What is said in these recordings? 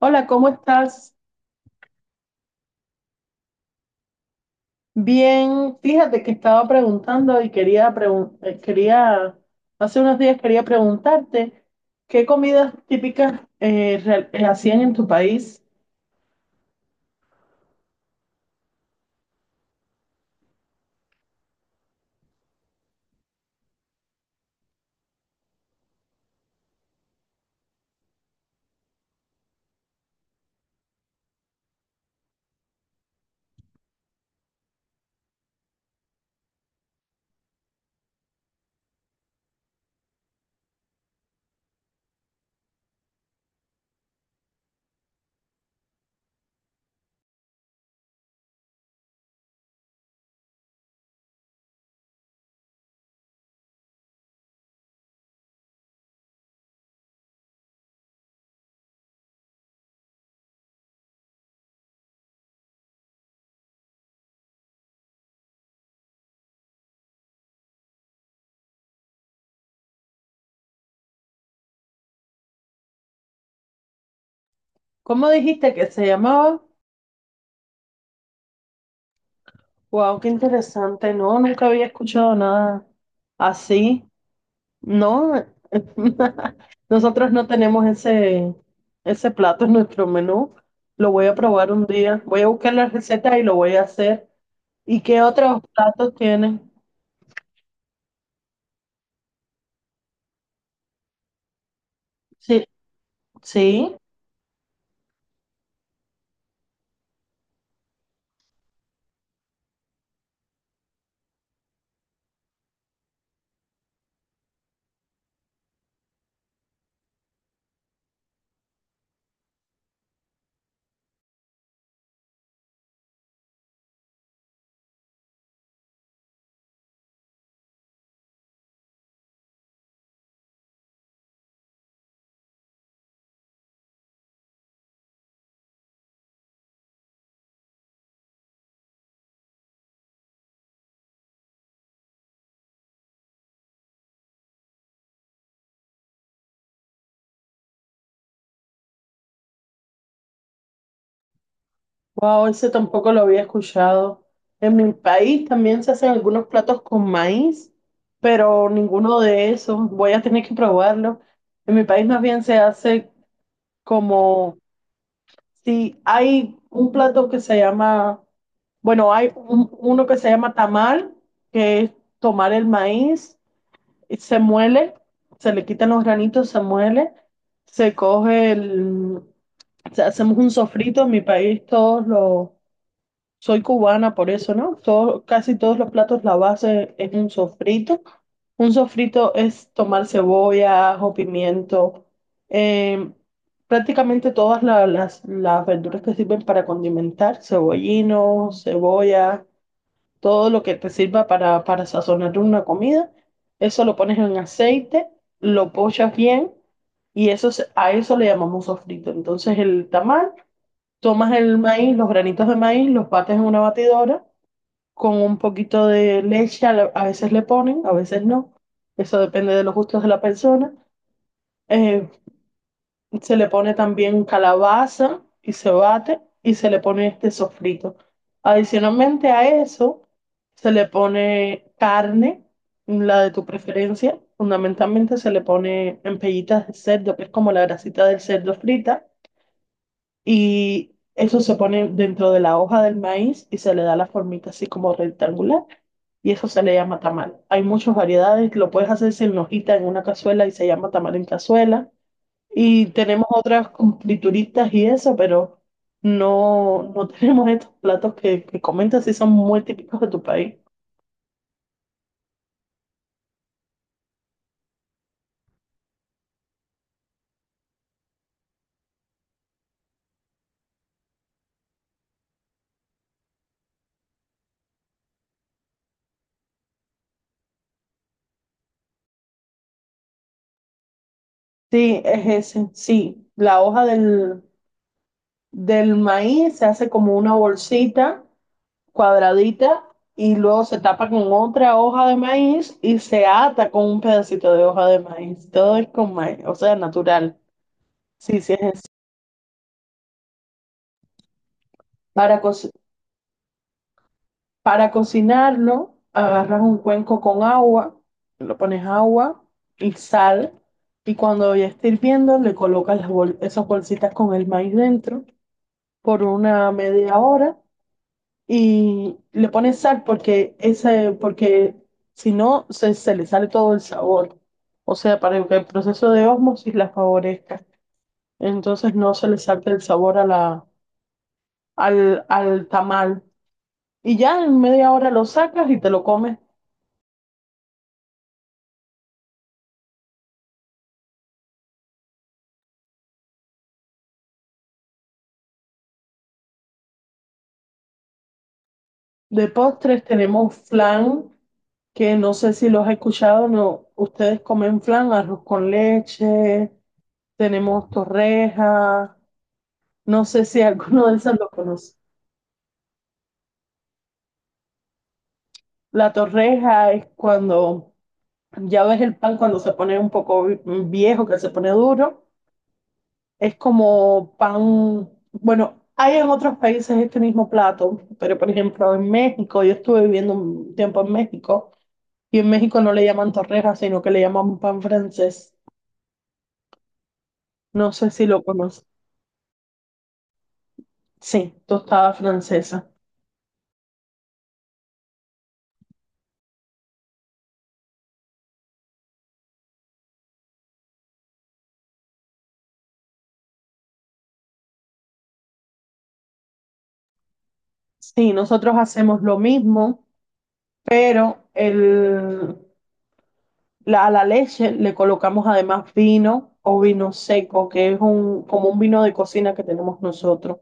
Hola, ¿cómo estás? Bien, fíjate que estaba preguntando y quería quería hace unos días quería preguntarte qué comidas típicas hacían en tu país. ¿Cómo dijiste que se llamaba? Wow, qué interesante. No, nunca había escuchado nada así. No, nosotros no tenemos ese plato en nuestro menú. Lo voy a probar un día. Voy a buscar la receta y lo voy a hacer. ¿Y qué otros platos tienen? Sí. Sí, wow, ese tampoco lo había escuchado. En mi país también se hacen algunos platos con maíz, pero ninguno de esos. Voy a tener que probarlo. En mi país más bien se hace como si hay un plato que se llama, bueno, uno que se llama tamal, que es tomar el maíz, y se muele, se le quitan los granitos, se muele, se coge el, hacemos un sofrito. En mi país todos los. Soy cubana, por eso, ¿no? Casi todos los platos, la base es un sofrito. Un sofrito es tomar cebolla, ajo, pimiento, em, prácticamente todas las verduras que sirven para condimentar, cebollino, cebolla, todo lo que te sirva para sazonar una comida. Eso lo pones en aceite, lo pochas bien y eso, a eso le llamamos sofrito. Entonces el tamal. Tomas el maíz, los granitos de maíz, los bates en una batidora con un poquito de leche, a veces le ponen, a veces no. Eso depende de los gustos de la persona. Eh, se le pone también calabaza y se bate y se le pone este sofrito. Adicionalmente a eso, se le pone carne, la de tu preferencia. Fundamentalmente se le pone en pellitas de cerdo, que es como la grasita del cerdo frita y eso se pone dentro de la hoja del maíz y se le da la formita así como rectangular. Y eso se le llama tamal. Hay muchas variedades, lo puedes hacer sin hojita en una cazuela y se llama tamal en cazuela. Y tenemos otras con frituritas y eso, pero no, no tenemos estos platos que comentas si son muy típicos de tu país. Sí, es ese, sí. La hoja del, del maíz se hace como una bolsita cuadradita y luego se tapa con otra hoja de maíz y se ata con un pedacito de hoja de maíz. Todo es con maíz, o sea, natural. Sí, sí, es así. Para, co- para cocinarlo, agarras un cuenco con agua, lo pones agua y sal. Y cuando ya esté hirviendo, le colocas esas bolsitas con el maíz dentro por una media hora y le pones sal porque ese, porque si no se le sale todo el sabor. O sea, para que el proceso de ósmosis la favorezca. Entonces no se le salte el sabor a la, al, al tamal. Y ya en media hora lo sacas y te lo comes. De postres tenemos flan, que no sé si los he escuchado, no, ustedes comen flan, arroz con leche, tenemos torrejas, no sé si alguno de esos lo conoce. La torreja es cuando ya ves el pan cuando se pone un poco viejo, que se pone duro. Es como pan, bueno, hay en otros países este mismo plato, pero por ejemplo en México, yo estuve viviendo un tiempo en México y en México no le llaman torreja, sino que le llaman pan francés. No sé si lo conoces. Sí, tostada francesa. Sí, nosotros hacemos lo mismo, pero el, a la leche le colocamos además vino o vino seco, que es un, como un vino de cocina que tenemos nosotros.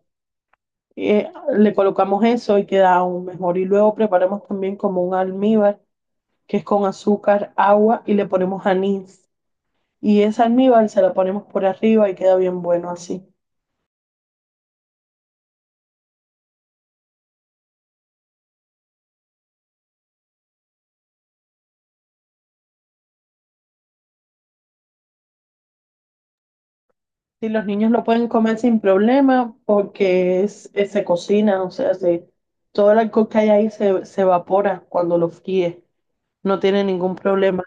Eh, le colocamos eso y queda aún mejor. Y luego preparamos también como un almíbar, que es con azúcar, agua y le ponemos anís. Y ese almíbar se la ponemos por arriba y queda bien bueno así. Y los niños lo pueden comer sin problema porque se cocina, o sea, todo el alcohol que hay ahí se evapora cuando lo fríes. No tiene ningún problema.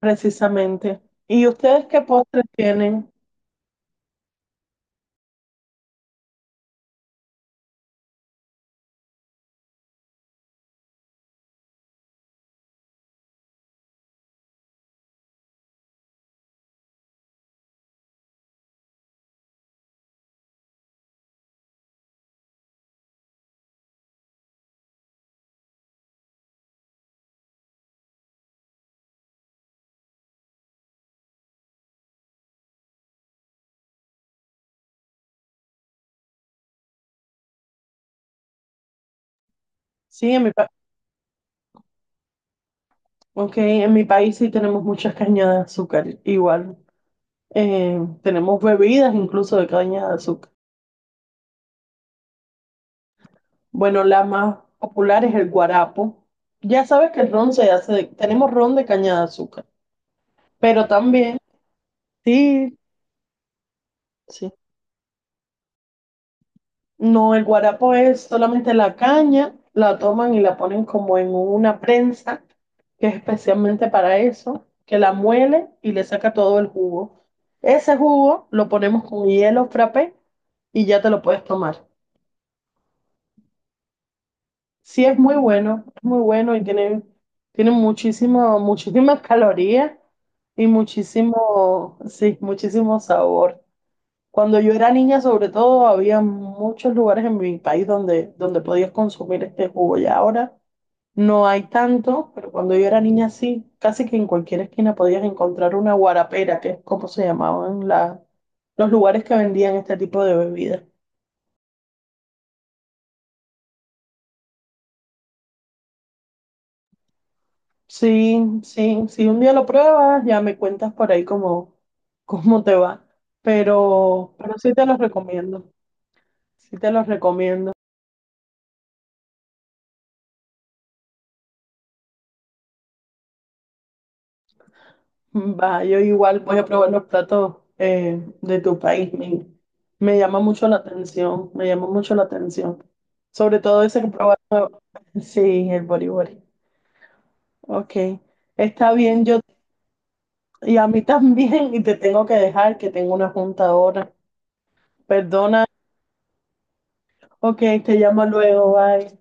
Precisamente. ¿Y ustedes qué postres tienen? Sí, en mi okay, en mi país sí tenemos muchas cañas de azúcar, igual. Tenemos bebidas incluso de caña de azúcar. Bueno, la más popular es el guarapo. Ya sabes que el ron se hace de- tenemos ron de caña de azúcar, pero también, sí, sí. No, el guarapo es solamente la caña, la toman y la ponen como en una prensa, que es especialmente para eso, que la muele y le saca todo el jugo. Ese jugo lo ponemos con hielo frappé y ya te lo puedes tomar. Sí, es muy bueno y tiene, tiene muchísimo, muchísimas calorías y muchísimo, sí, muchísimo sabor. Cuando yo era niña, sobre todo, había muchos lugares en mi país donde, donde podías consumir este jugo. Ya ahora no hay tanto, pero cuando yo era niña sí, casi que en cualquier esquina podías encontrar una guarapera, que es como se llamaban los lugares que vendían este tipo de bebidas. Sí, sí, si un día lo pruebas, ya me cuentas por ahí cómo, cómo te va. Pero sí te los recomiendo, sí te los recomiendo. Va, yo igual voy a probar los platos de tu país. Me llama mucho la atención, me llama mucho la atención. Sobre todo ese que probaste. Sí, el boriborí. Ok, está bien, yo y a mí también, y te tengo que dejar que tengo una junta ahora. Perdona, ok, te llamo luego, bye.